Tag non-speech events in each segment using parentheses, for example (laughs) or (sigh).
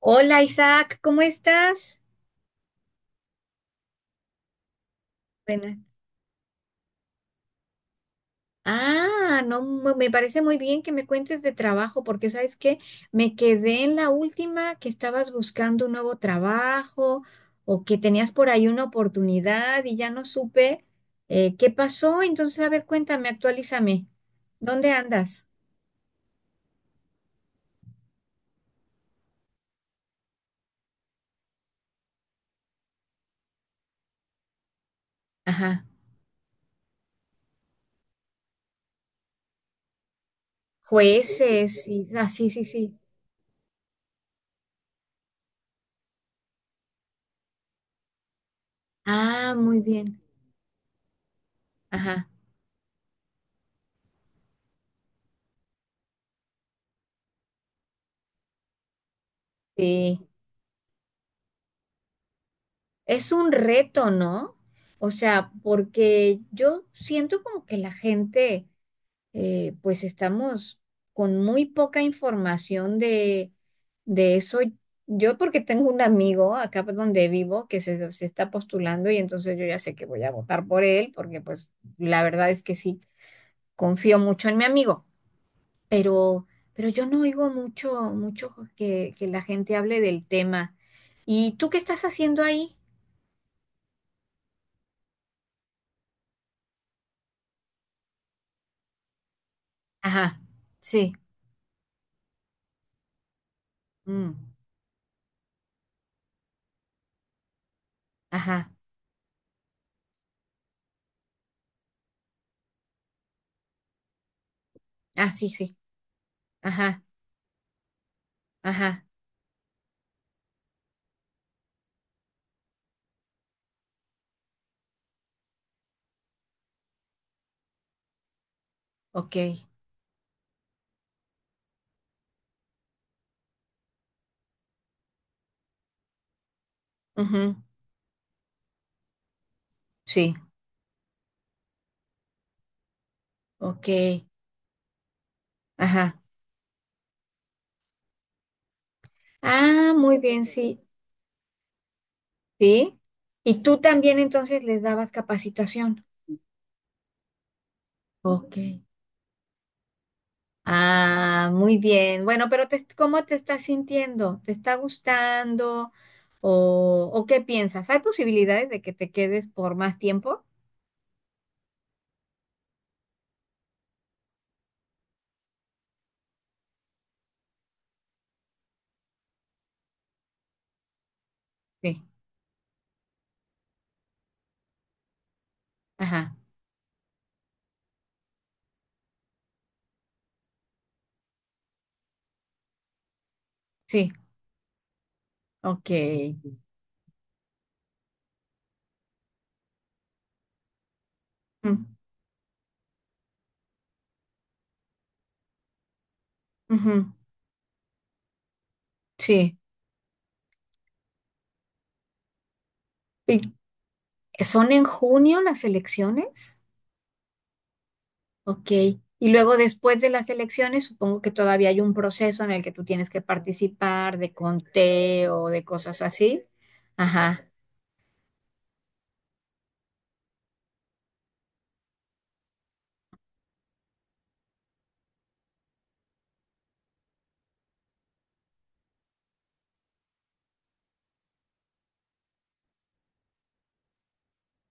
Hola Isaac, ¿cómo estás? Buenas. Ah, no, mu- Me parece muy bien que me cuentes de trabajo, porque sabes que me quedé en la última que estabas buscando un nuevo trabajo o que tenías por ahí una oportunidad y ya no supe qué pasó. Entonces, a ver, cuéntame, actualízame. ¿Dónde andas? Ajá. Jueces y ah, sí, sí, sí. Ah, muy bien. Ajá. Sí. Es un reto, ¿no? O sea, porque yo siento como que la gente, pues estamos con muy poca información de eso. Yo porque tengo un amigo acá por donde vivo que se está postulando y entonces yo ya sé que voy a votar por él porque pues la verdad es que sí, confío mucho en mi amigo, pero, pero yo no oigo mucho, mucho que la gente hable del tema. ¿Y tú qué estás haciendo ahí? Ajá, sí. Mm, ajá. Ah, sí, sí. Ajá, ajá. Ok. Ujú, sí, ok. Ajá. Ah, muy bien, sí. Sí. Y tú también entonces les dabas capacitación. Ok. Ah, muy bien. Bueno, pero te- ¿cómo te estás sintiendo? ¿Te está gustando? O qué piensas? ¿Hay posibilidades de que te quedes por más tiempo? Sí. Ajá. Sí. Ok. Mm, ujú, sí. ¿Son en junio las elecciones? Ok. Y luego después de las elecciones, supongo que todavía hay un proceso en el que tú tienes que participar de conteo, de cosas así. Ajá.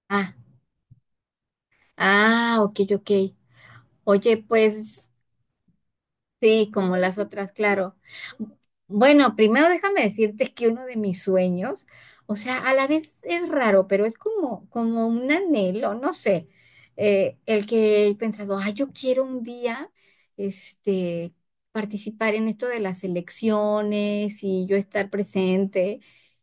Ah, ah, ok, ok. Oye, pues sí, como las otras, claro. Bueno, primero déjame decirte que uno de mis sueños, o sea, a la vez es raro, pero es como, como un anhelo, no sé, el que he pensado, ah, yo quiero un día, este, participar en esto de las elecciones y yo estar presente,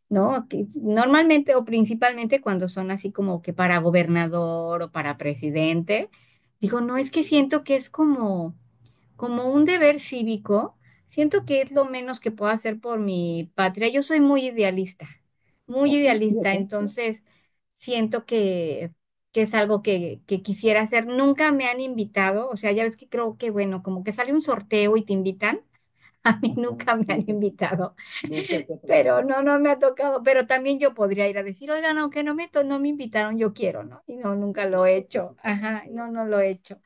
¿no? Que normalmente o principalmente cuando son así como que para gobernador o para presidente, digo, no, es que siento que es como un deber cívico, siento que es lo menos que puedo hacer por mi patria. Yo soy muy idealista, entonces siento que es algo que quisiera hacer. Nunca me han invitado, o sea, ya ves que creo que, bueno, como que sale un sorteo y te invitan. (laughs) A mí ajá, nunca me han invitado, pero tocado. No, no me ha tocado. Pero también yo podría ir a decir, oigan, aunque no me, to- no me invitaron, yo quiero, ¿no? Y no, nunca lo he hecho. Ajá, no, no lo he hecho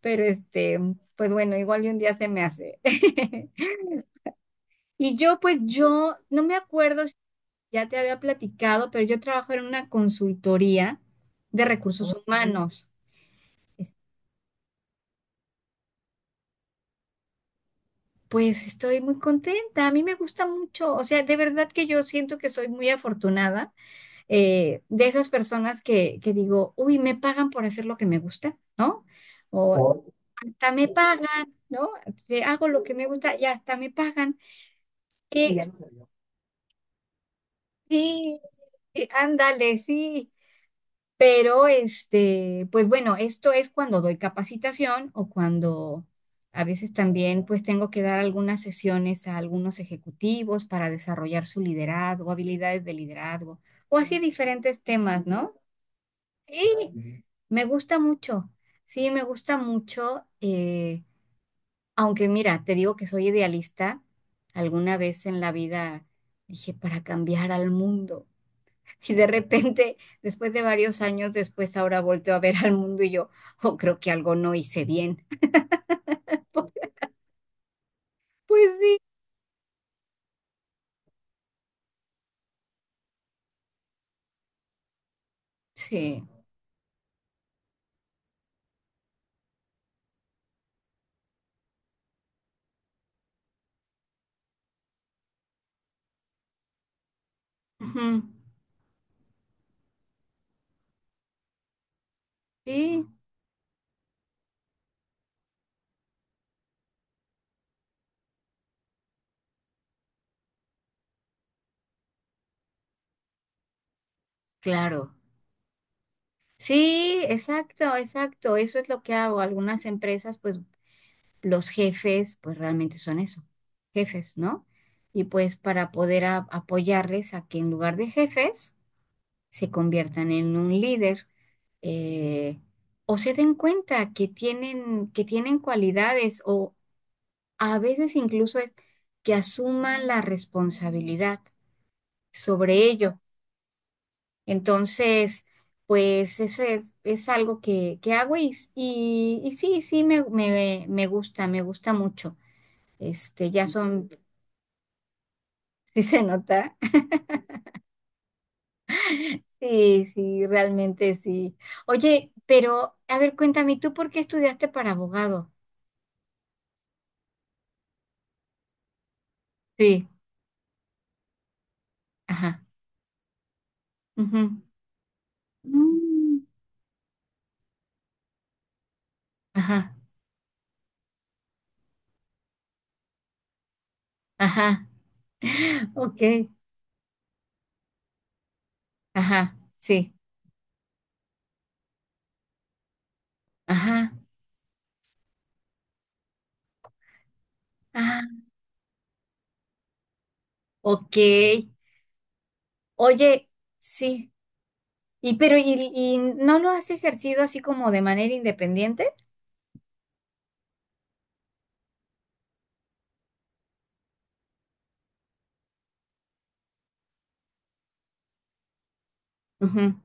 pero este, pues bueno, igual y un día se me hace. (laughs) Y yo, pues yo, no me acuerdo si ya te había platicado, pero yo trabajo en una consultoría de recursos humanos. Es- pues estoy muy contenta, a mí me gusta mucho, o sea, de verdad que yo siento que soy muy afortunada de esas personas que digo, uy, me pagan por hacer lo que me gusta, ¿no? O oh, hasta me pagan, ¿no? Te hago lo que me gusta y hasta me pagan. Qué, sí, ándale, sí. Pero este, pues bueno, esto es cuando doy capacitación o cuando a veces también pues tengo que dar algunas sesiones a algunos ejecutivos para desarrollar su liderazgo, habilidades de liderazgo o así diferentes temas, ¿no? Y me gusta mucho, sí, me gusta mucho, aunque mira, te digo que soy idealista, alguna vez en la vida dije, para cambiar al mundo. Y de repente, después de varios años después, ahora volteo a ver al mundo y yo, oh, creo que algo no hice bien. Pues sí, sí, ujú, sí, claro. Sí, exacto, exacto. Eso es lo que hago. Algunas empresas, pues los jefes, pues realmente son eso, jefes, ¿no? Y pues para poder a- apoyarles a que en lugar de jefes se conviertan en un líder eh, o se den cuenta que tienen cualidades o a veces incluso es que asuman la responsabilidad sobre ello. Entonces, pues eso es algo que hago y sí, sí, me gusta mucho. Este, ya son, (laughs) sí se nota. Sí, sí, realmente sí. Oye, pero a ver, cuéntame, ¿tú por qué estudiaste para abogado? Sí, ajá. Ujú. Mm, ajá, ajá, ok, ajá, sí, ajá, ah, ok. Oye, sí. ¿Y pero y no lo has ejercido así como de manera independiente? Ujú.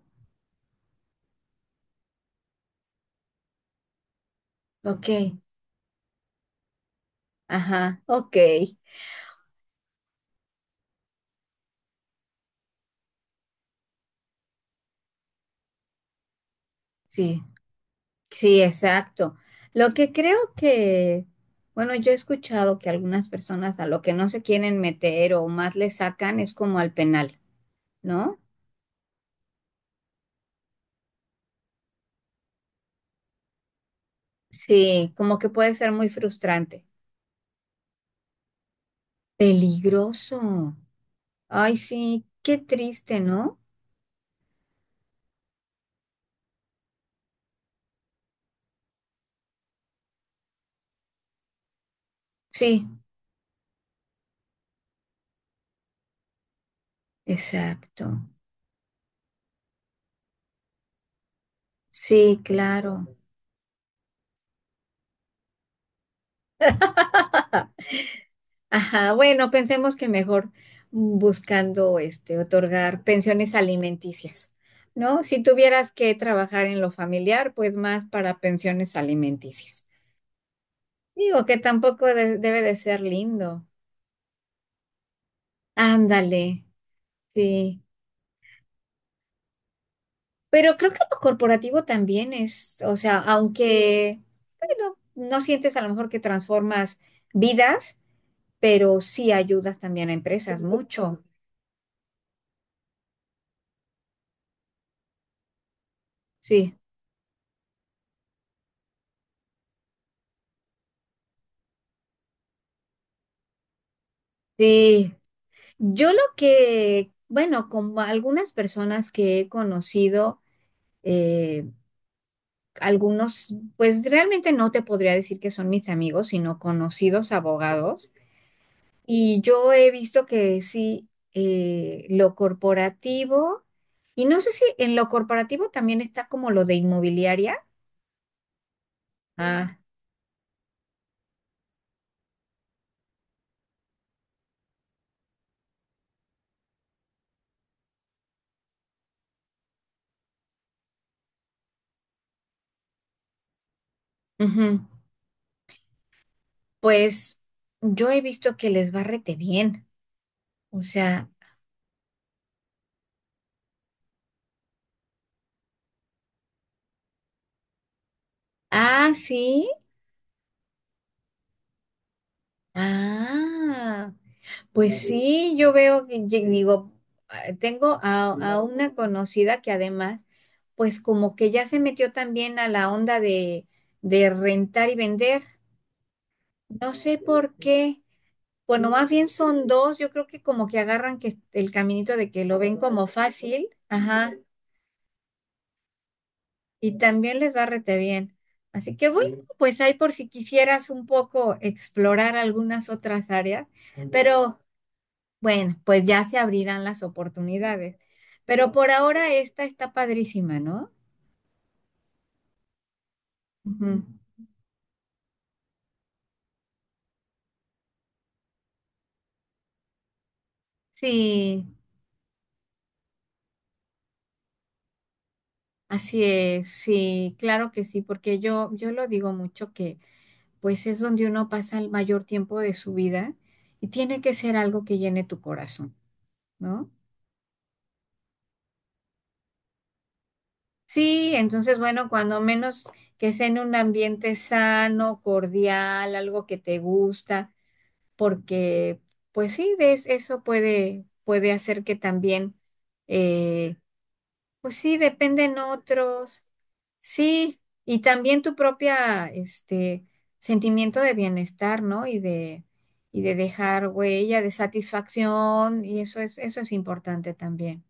Ok. Ajá. Ok. Sí. Sí, exacto. Lo que creo que, bueno, yo he escuchado que algunas personas a lo que no se quieren meter o más le sacan es como al penal, ¿no? Sí, como que puede ser muy frustrante. Peligroso. Ay, sí, qué triste, ¿no? Sí, exacto. Sí, claro. (laughs) Ajá, bueno, pensemos que mejor buscando este otorgar pensiones alimenticias, ¿no? Si tuvieras que trabajar en lo familiar, pues más para pensiones alimenticias. Digo que tampoco de- debe de ser lindo. Ándale, sí. Pero creo que lo corporativo también es, o sea, aunque, bueno, no sientes a lo mejor que transformas vidas, pero sí ayudas también a empresas mucho. Sí. Sí, yo lo que, bueno, como algunas personas que he conocido, eh, algunos, pues realmente no te podría decir que son mis amigos, sino conocidos abogados. Y yo he visto que sí, lo corporativo, y no sé si en lo corporativo también está como lo de inmobiliaria. Sí. Ah, ujú. Pues yo he visto que les va rete bien. O sea, ah, sí. Ah. Pues sí, yo veo que digo, ah, tengo a una conocida que además, pues como que ya se metió también a la onda de rentar y vender. No sé por qué. Bueno, más bien son dos. Yo creo que como que agarran que el caminito de que lo ven como fácil, ajá, y también les va rete bien. Así que bueno, pues ahí por si quisieras un poco explorar algunas otras áreas, pero bueno, pues ya se abrirán las oportunidades. Pero por ahora esta está padrísima, ¿no? Ujú. Sí, así es, sí, claro que sí, porque yo lo digo mucho que pues es donde uno pasa el mayor tiempo de su vida y tiene que ser algo que llene tu corazón, ¿no? Sí, entonces bueno, cuando menos que sea en un ambiente sano, cordial, algo que te gusta. Porque pues sí, de es- eso puede, puede hacer que también, eh, pues sí, dependen otros, sí, y también tu propia, este, sentimiento de bienestar, ¿no? Y de dejar huella, de satisfacción, y eso es importante también.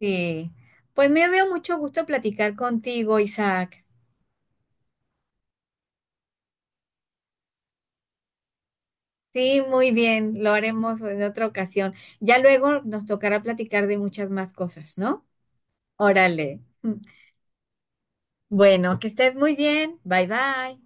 Sí, pues me dio mucho gusto platicar contigo, Isaac. Sí, muy bien, lo haremos en otra ocasión. Ya luego nos tocará platicar de muchas más cosas, ¿no? Órale. Bueno, que estés muy bien. Bye bye.